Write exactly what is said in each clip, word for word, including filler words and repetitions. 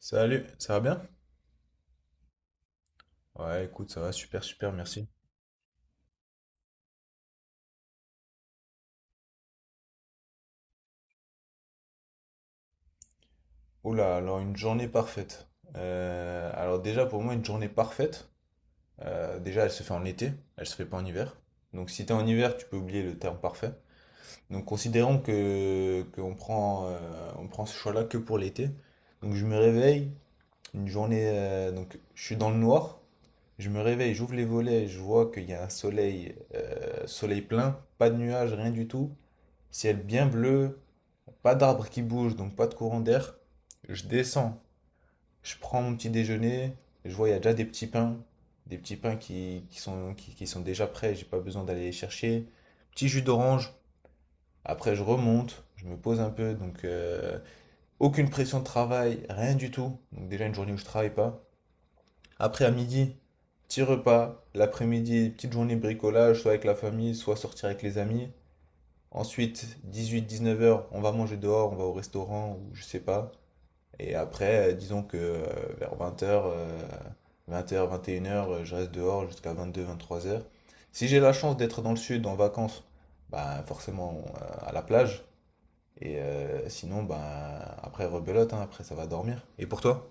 Salut, ça va bien? Ouais, écoute, ça va super, super, merci. Oula, alors une journée parfaite. Euh, alors déjà, pour moi, une journée parfaite, euh, déjà, elle se fait en été, elle se fait pas en hiver. Donc si t'es en hiver, tu peux oublier le terme parfait. Donc considérons que qu'on prend, euh, on prend ce choix-là que pour l'été. Donc je me réveille, une journée, euh, donc je suis dans le noir, je me réveille, j'ouvre les volets, je vois qu'il y a un soleil, euh, soleil plein, pas de nuages, rien du tout, ciel bien bleu. Pas d'arbres qui bougent, donc pas de courant d'air. Je descends, je prends mon petit déjeuner, je vois il y a déjà des petits pains, des petits pains qui, qui sont, qui, qui sont déjà prêts, j'ai pas besoin d'aller les chercher. Petit jus d'orange, après je remonte, je me pose un peu, donc euh, aucune pression de travail, rien du tout. Donc déjà une journée où je travaille pas. Après à midi, petit repas, l'après-midi, petite journée bricolage, soit avec la famille, soit sortir avec les amis. Ensuite, dix-huit à dix-neuf heures, on va manger dehors, on va au restaurant ou je sais pas. Et après, euh, disons que euh, vers vingt heures, vingt heures, vingt et une heures, je reste dehors jusqu'à vingt-deux, vingt-trois heures. Si j'ai la chance d'être dans le sud en vacances, bah forcément euh, à la plage. Et euh, sinon, ben après rebelote, hein, après ça va dormir. Et pour toi?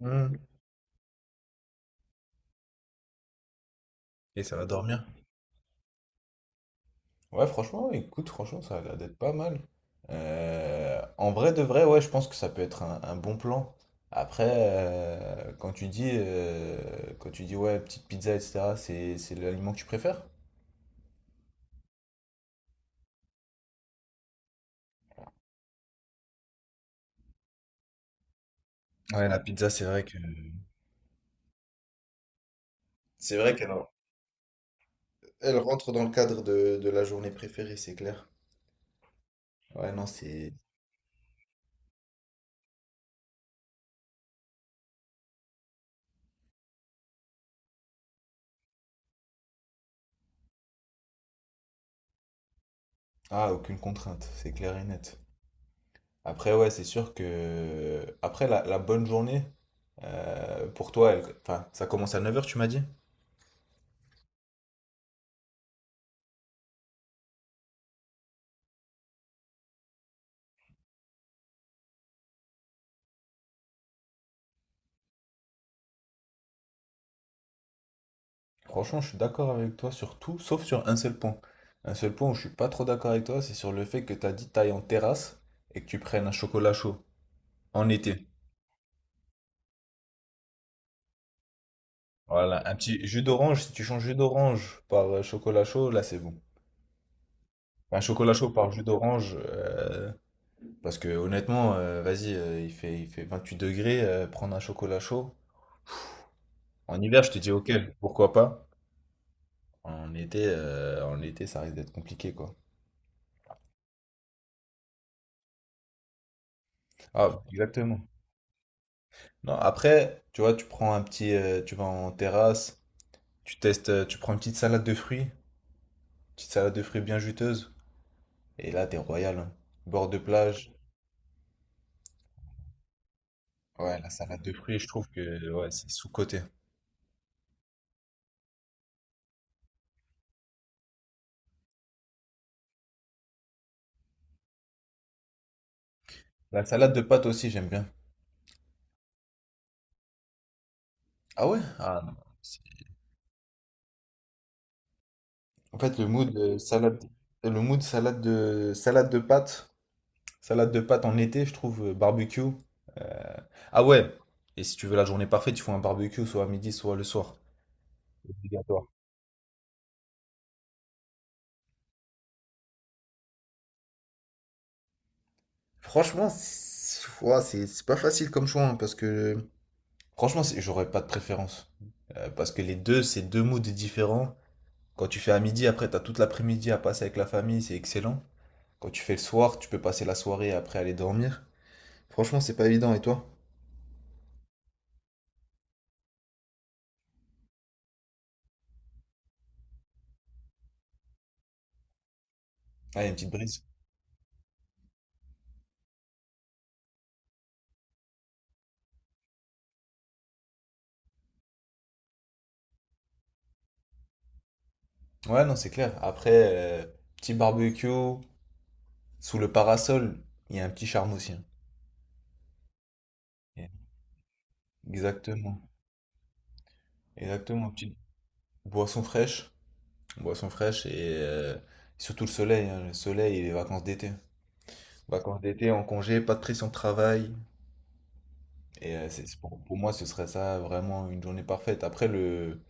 Hmm. Et ça va dormir. Ouais, franchement, écoute, franchement, ça a l'air d'être pas mal. Euh, en vrai de vrai, ouais, je pense que ça peut être un, un bon plan. Après, euh, quand tu dis, euh, quand tu dis, ouais, petite pizza, et cetera, c'est, c'est l'aliment que tu préfères? Ouais, la pizza, c'est vrai que... C'est vrai qu'elle elle rentre dans le cadre de, de la journée préférée, c'est clair. Ouais, non, c'est... Ah, aucune contrainte, c'est clair et net. Après, ouais, c'est sûr que... Après, la, la bonne journée, euh, pour toi, elle- enfin, ça commence à neuf heures tu m'as dit? Franchement, je suis d'accord avec toi sur tout, sauf sur un seul point. Un seul point où je suis pas trop d'accord avec toi, c'est sur le fait que tu as dit taille en terrasse et que tu prennes un chocolat chaud en été. Voilà, un petit jus d'orange, si tu changes jus d'orange par euh, chocolat chaud, là c'est bon. Un chocolat chaud par jus d'orange, euh, parce que honnêtement, euh, vas-y, euh, il fait, il fait vingt-huit degrés, euh, prendre un chocolat chaud. En hiver, je te dis ok, pourquoi pas. En été, euh, en été, ça risque d'être compliqué, quoi. Ah, exactement. Non, après, tu vois, tu prends un petit, euh, tu vas en terrasse, tu testes, euh, tu prends une petite salade de fruits, petite salade de fruits bien juteuse, et là, t'es royal, hein. Bord de plage. Ouais, la salade de fruits, je trouve que ouais, c'est sous-coté. La salade de pâtes aussi, j'aime bien. Ah ouais? Ah non. C'est- en fait, le mood euh, salade, le mood salade de salade de pâtes, salade de pâtes en été, je trouve euh, barbecue. euh, Ah ouais. Et si tu veux la journée parfaite, il faut un barbecue soit à midi, soit le soir. Obligatoire. Franchement, c'est ouah, c'est- c'est pas facile comme choix, hein, parce que franchement, c'est- j'aurais pas de préférence. Euh, parce que les deux, c'est deux moods différents. Quand tu fais à midi, après, t'as toute l'après-midi à passer avec la famille, c'est excellent. Quand tu fais le soir, tu peux passer la soirée et après aller dormir. Franchement, c'est pas évident, et toi? Ah, il y a une petite brise. Ouais, non, c'est clair. Après, euh, petit barbecue, sous le parasol, il y a un petit charme aussi, hein. Exactement, exactement. Petite boisson fraîche. Boisson fraîche et euh, surtout le soleil, hein, le soleil et les vacances d'été. Vacances d'été en congé, pas de pression de travail. Et euh, c'est, c'est pour, pour moi, ce serait ça vraiment une journée parfaite. Après, le,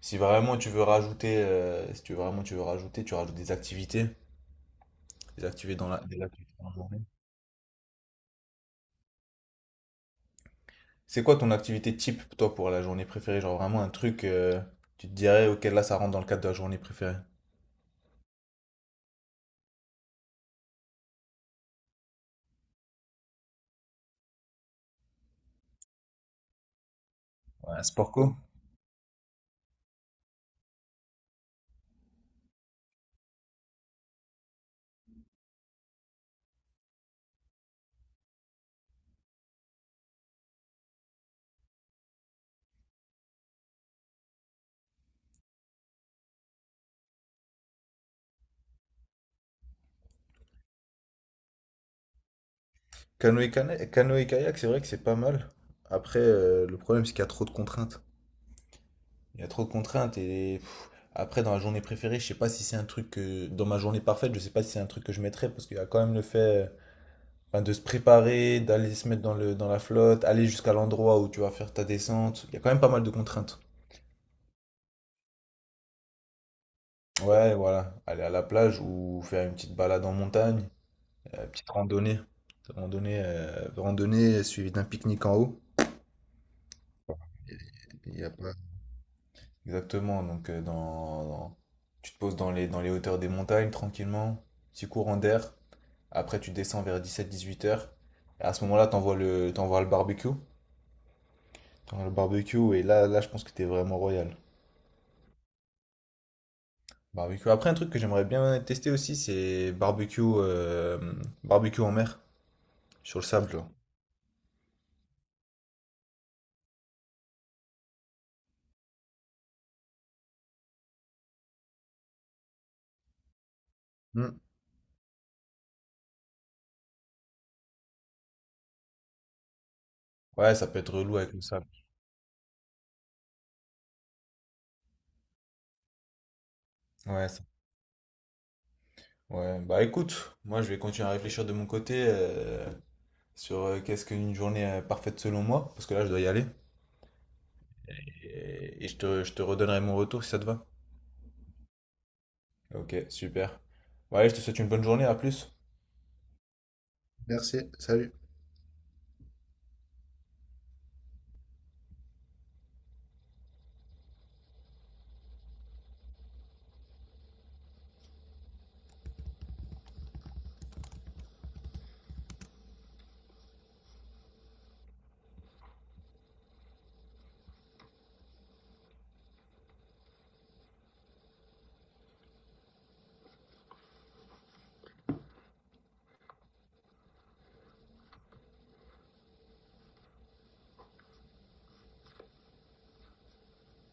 si vraiment tu veux rajouter, euh, si tu veux vraiment tu veux rajouter, tu rajoutes des activités, des activités dans la, des activités dans la journée. C'est quoi ton activité type, toi, pour la journée préférée? Genre vraiment un truc, euh, tu te dirais, ok, là, ça rentre dans le cadre de la journée préférée. Ouais, sport co. Canoë, cana- canoë kayak, c'est vrai que c'est pas mal. Après, euh, le problème, c'est qu'il y a trop de contraintes. Il y a trop de contraintes et pff, après dans la journée préférée, je sais pas si c'est un truc que dans ma journée parfaite, je sais pas si c'est un truc que je mettrais parce qu'il y a quand même le fait euh, ben, de se préparer, d'aller se mettre dans le dans la flotte, aller jusqu'à l'endroit où tu vas faire ta descente. Il y a quand même pas mal de contraintes. Ouais, voilà, aller à la plage ou faire une petite balade en montagne, euh, petite randonnée, randonnée, euh, randonnée suivie d'un pique-nique en haut. Il y a pas. Exactement, donc euh, dans, dans- tu te poses dans les, dans les hauteurs des montagnes tranquillement, petit courant d'air. Après, tu descends vers dix-sept dix-huit heures. À ce moment-là, t'envoies le, t'envoies le barbecue. T'envoies le barbecue et là, là, je pense que t'es vraiment royal. Barbecue. Après, un truc que j'aimerais bien tester aussi, c'est barbecue, euh, barbecue en mer, sur le sable, genre. Hmm. Ouais, ça peut être relou avec le sable. Ouais, ça- ouais. Bah écoute, moi, je vais continuer à réfléchir de mon côté euh, sur euh, qu'est-ce qu'une journée euh, parfaite selon moi, parce que là, je dois y aller. Et, et je te, je te redonnerai mon retour si ça te va. Ok, super. Ouais, je te souhaite une bonne journée, à plus. Merci. Salut.